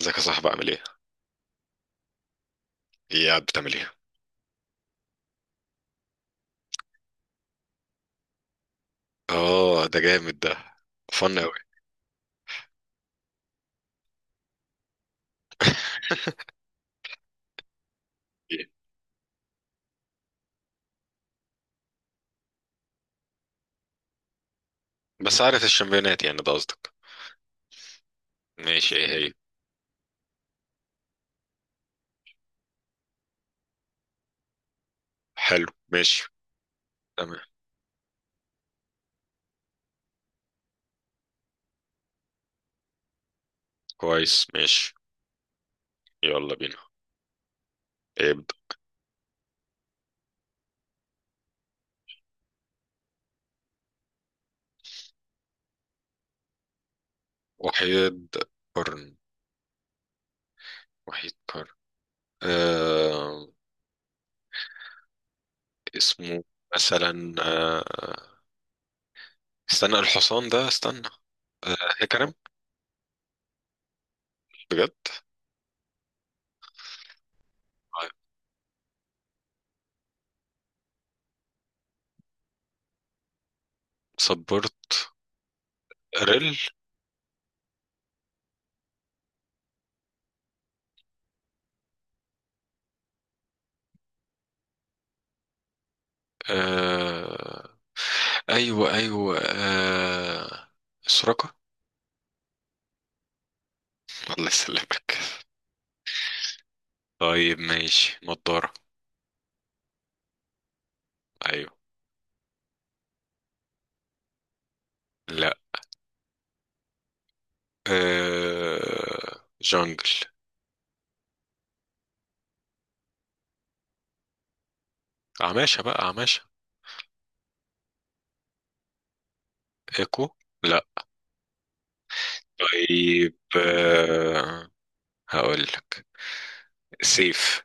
ازيك يا صاحبي عامل ايه؟ ايه قاعد بتعمل ايه؟ اه، ده جامد، ده فن اوي. بس عارف الشامبيونات يعني، ده قصدك. ماشي، ايه هي؟ حلو. ماشي. تمام. كويس، ماشي. يلا بينا. ابدأ. وحيد قرن، وحيد قرن. آه، اسمه. مثلا استنى الحصان ده، استنى. آه، هيكرم. بجد. طيب. صبرت. ريل. آه، ايوه ايوه آه. سراقة. الله يسلمك. طيب، ماشي. نضارة. أيوه. لا. جانجل. عماشة بقى عماشة. إيكو. لا. طيب هقول لك سيف.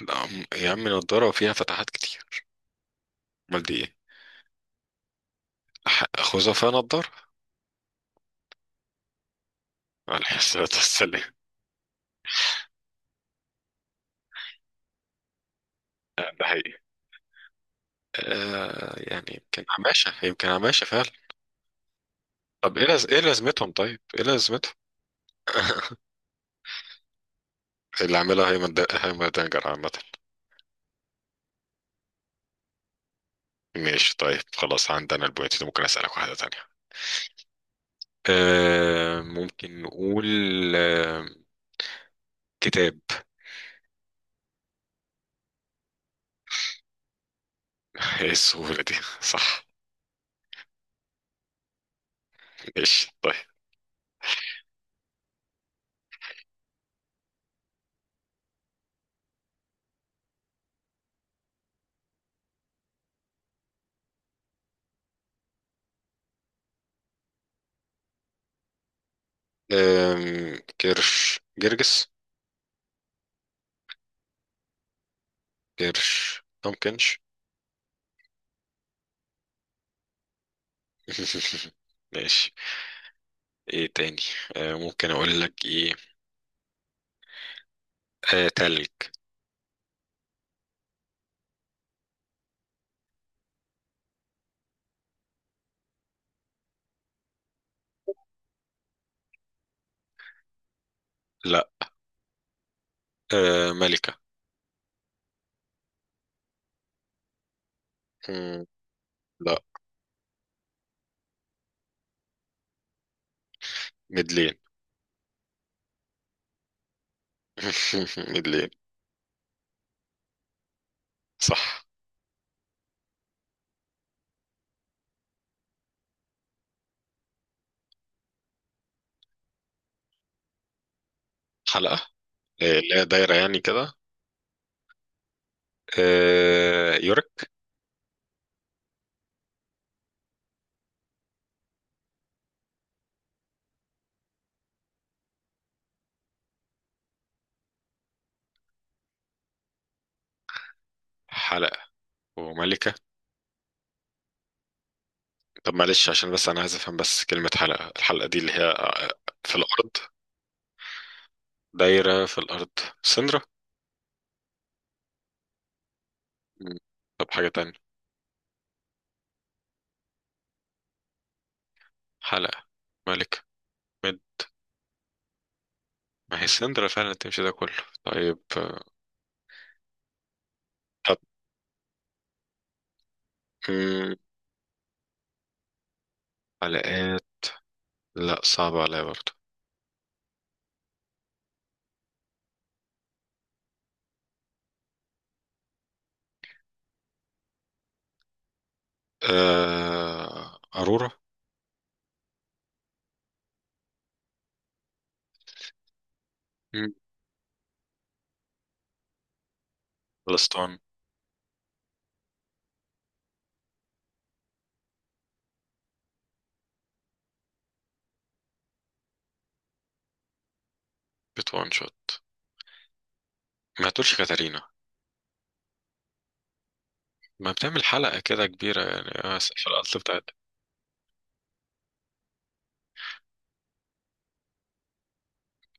لا، يا عم، نضارة وفيها فتحات كتير. أمال دي إيه؟ خزفة نضارة. عليه الصلاة والسلام. آه، ده حقيقي. يعني يمكن عماشة، يمكن عماشة فعلا. طب إيه لازمتهم طيب؟ إيه لازمتهم؟ اللي عاملها هيمن دنجر عامة. ماشي، طيب، خلاص عندنا البوينت دي. ممكن أسألك واحدة تانية؟ ممكن نقول، آه كتاب. ايه السهولة دي؟ صح. ماشي، طيب. كرش جرجس. كرش ممكنش. ماشي. ايه تاني؟ ممكن اقول لك ايه؟ تلك. لا. ملكة. مم، لا. مدلين. مدلين. صح. حلقة. لا، دايرة يعني كده. يورك. حلقة وملكة. طب معلش، عشان بس أنا عايز أفهم، بس كلمة حلقة، الحلقة دي اللي هي في الأرض. دايرة في الأرض. سندرة. مم. طب حاجة تانية. حلقة، ملكة، مد. ما هي سندرة فعلا تمشي ده كله. طيب طب. مم. حلقات. لا، صعبة عليا برضه. أرورا. مم. فلسطين. بت وان شوت. ما تقولش كاتارينا. ما بتعمل حلقة كده كبيرة يعني في الأصل بتاعتها.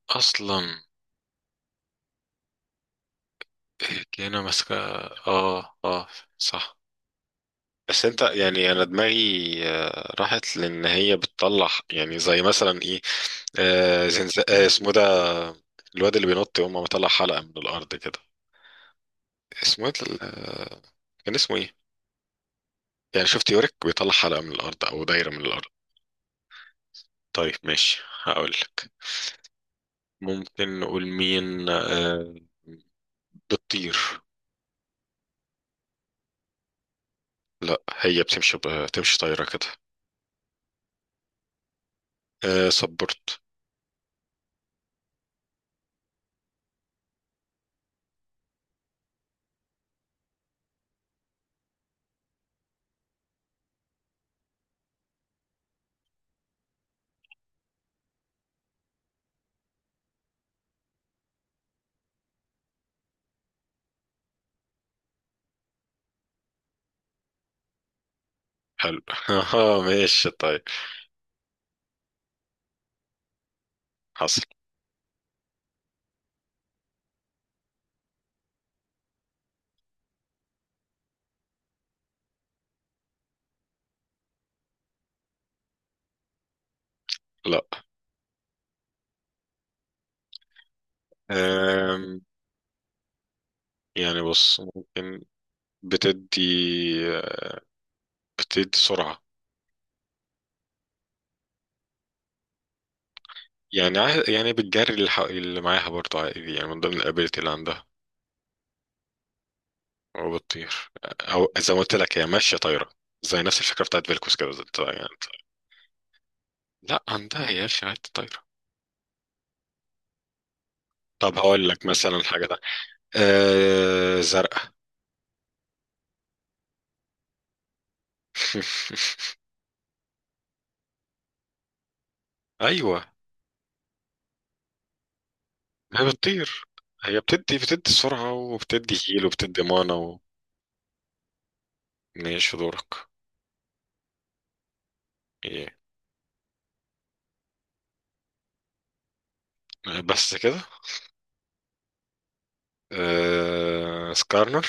أصلا. هتلاقينا ماسكة. اه، اه، صح. بس انت يعني انا دماغي راحت، لان هي بتطلع يعني زي مثلا ايه. آه زنز... آه اسمه ده. الواد اللي بينط يقوم مطلع حلقة من الارض كده. اسمه ايه كان اسمه ايه؟ يعني شفت يورك بيطلع حلقة من الارض او دايرة من الارض. طيب، ماشي، هقول لك. ممكن نقول مين بتطير. لا، هي بتمشي. بتمشي طايرة كده. صبرت. حلو. ماشي، طيب. حصل. لا. آم، يعني بص ممكن بتدي بتدي سرعة. يعني يعني بتجري اللي معاها برضه عادي يعني من ضمن الابيلتي اللي عندها. وبتطير. او زي ما قلت لك، هي ماشية طايرة. زي نفس الفكرة بتاعت فيلكوس كده يعني. لا، عندها يا اخي، عادي، طايرة. طب هقول لك مثلا حاجة ده. زرقاء. ايوه. هي بتطير. هي بتدي سرعة، وبتدي هيل، وبتدي مانا و... ماشي، دورك. ايه؟ بس كده؟ سكارنر.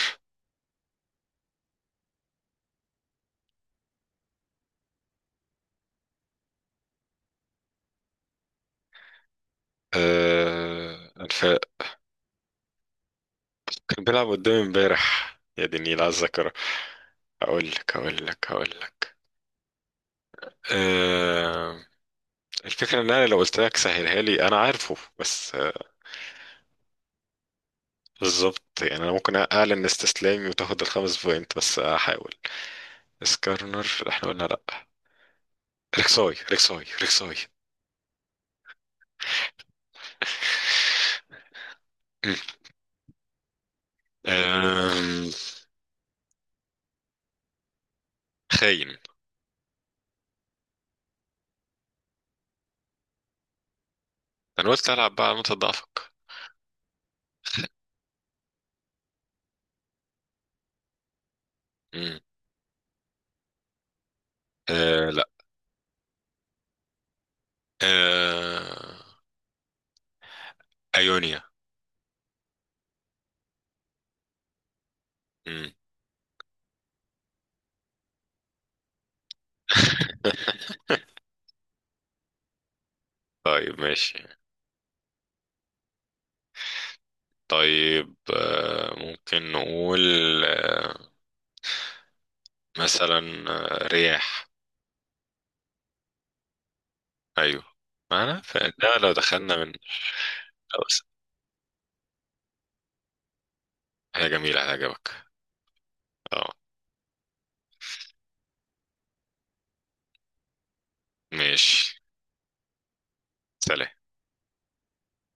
آه، الف... كان بيلعب قدامي امبارح، يا دي النيل على الذاكرة. هقول لك. أه... الفكرة ان انا لو قلت لك سهلها لي، انا عارفه بس بالظبط. يعني انا ممكن اعلن استسلامي وتاخد الخمس بوينت، بس هحاول. سكارنر احنا قلنا لا. ريكساي، ريكساي، ريكساي. مم. آم، خاين. انا قلت العب بقى على نقطة ضعفك. مم. لا. آه ايونيا. مم. طيب، ماشي. طيب ممكن نقول آه، مثلا رياح. ايوه. معنا فده، لو دخلنا من... لو س- حاجة جميلة هتعجبك. اه. ماشي. سلام.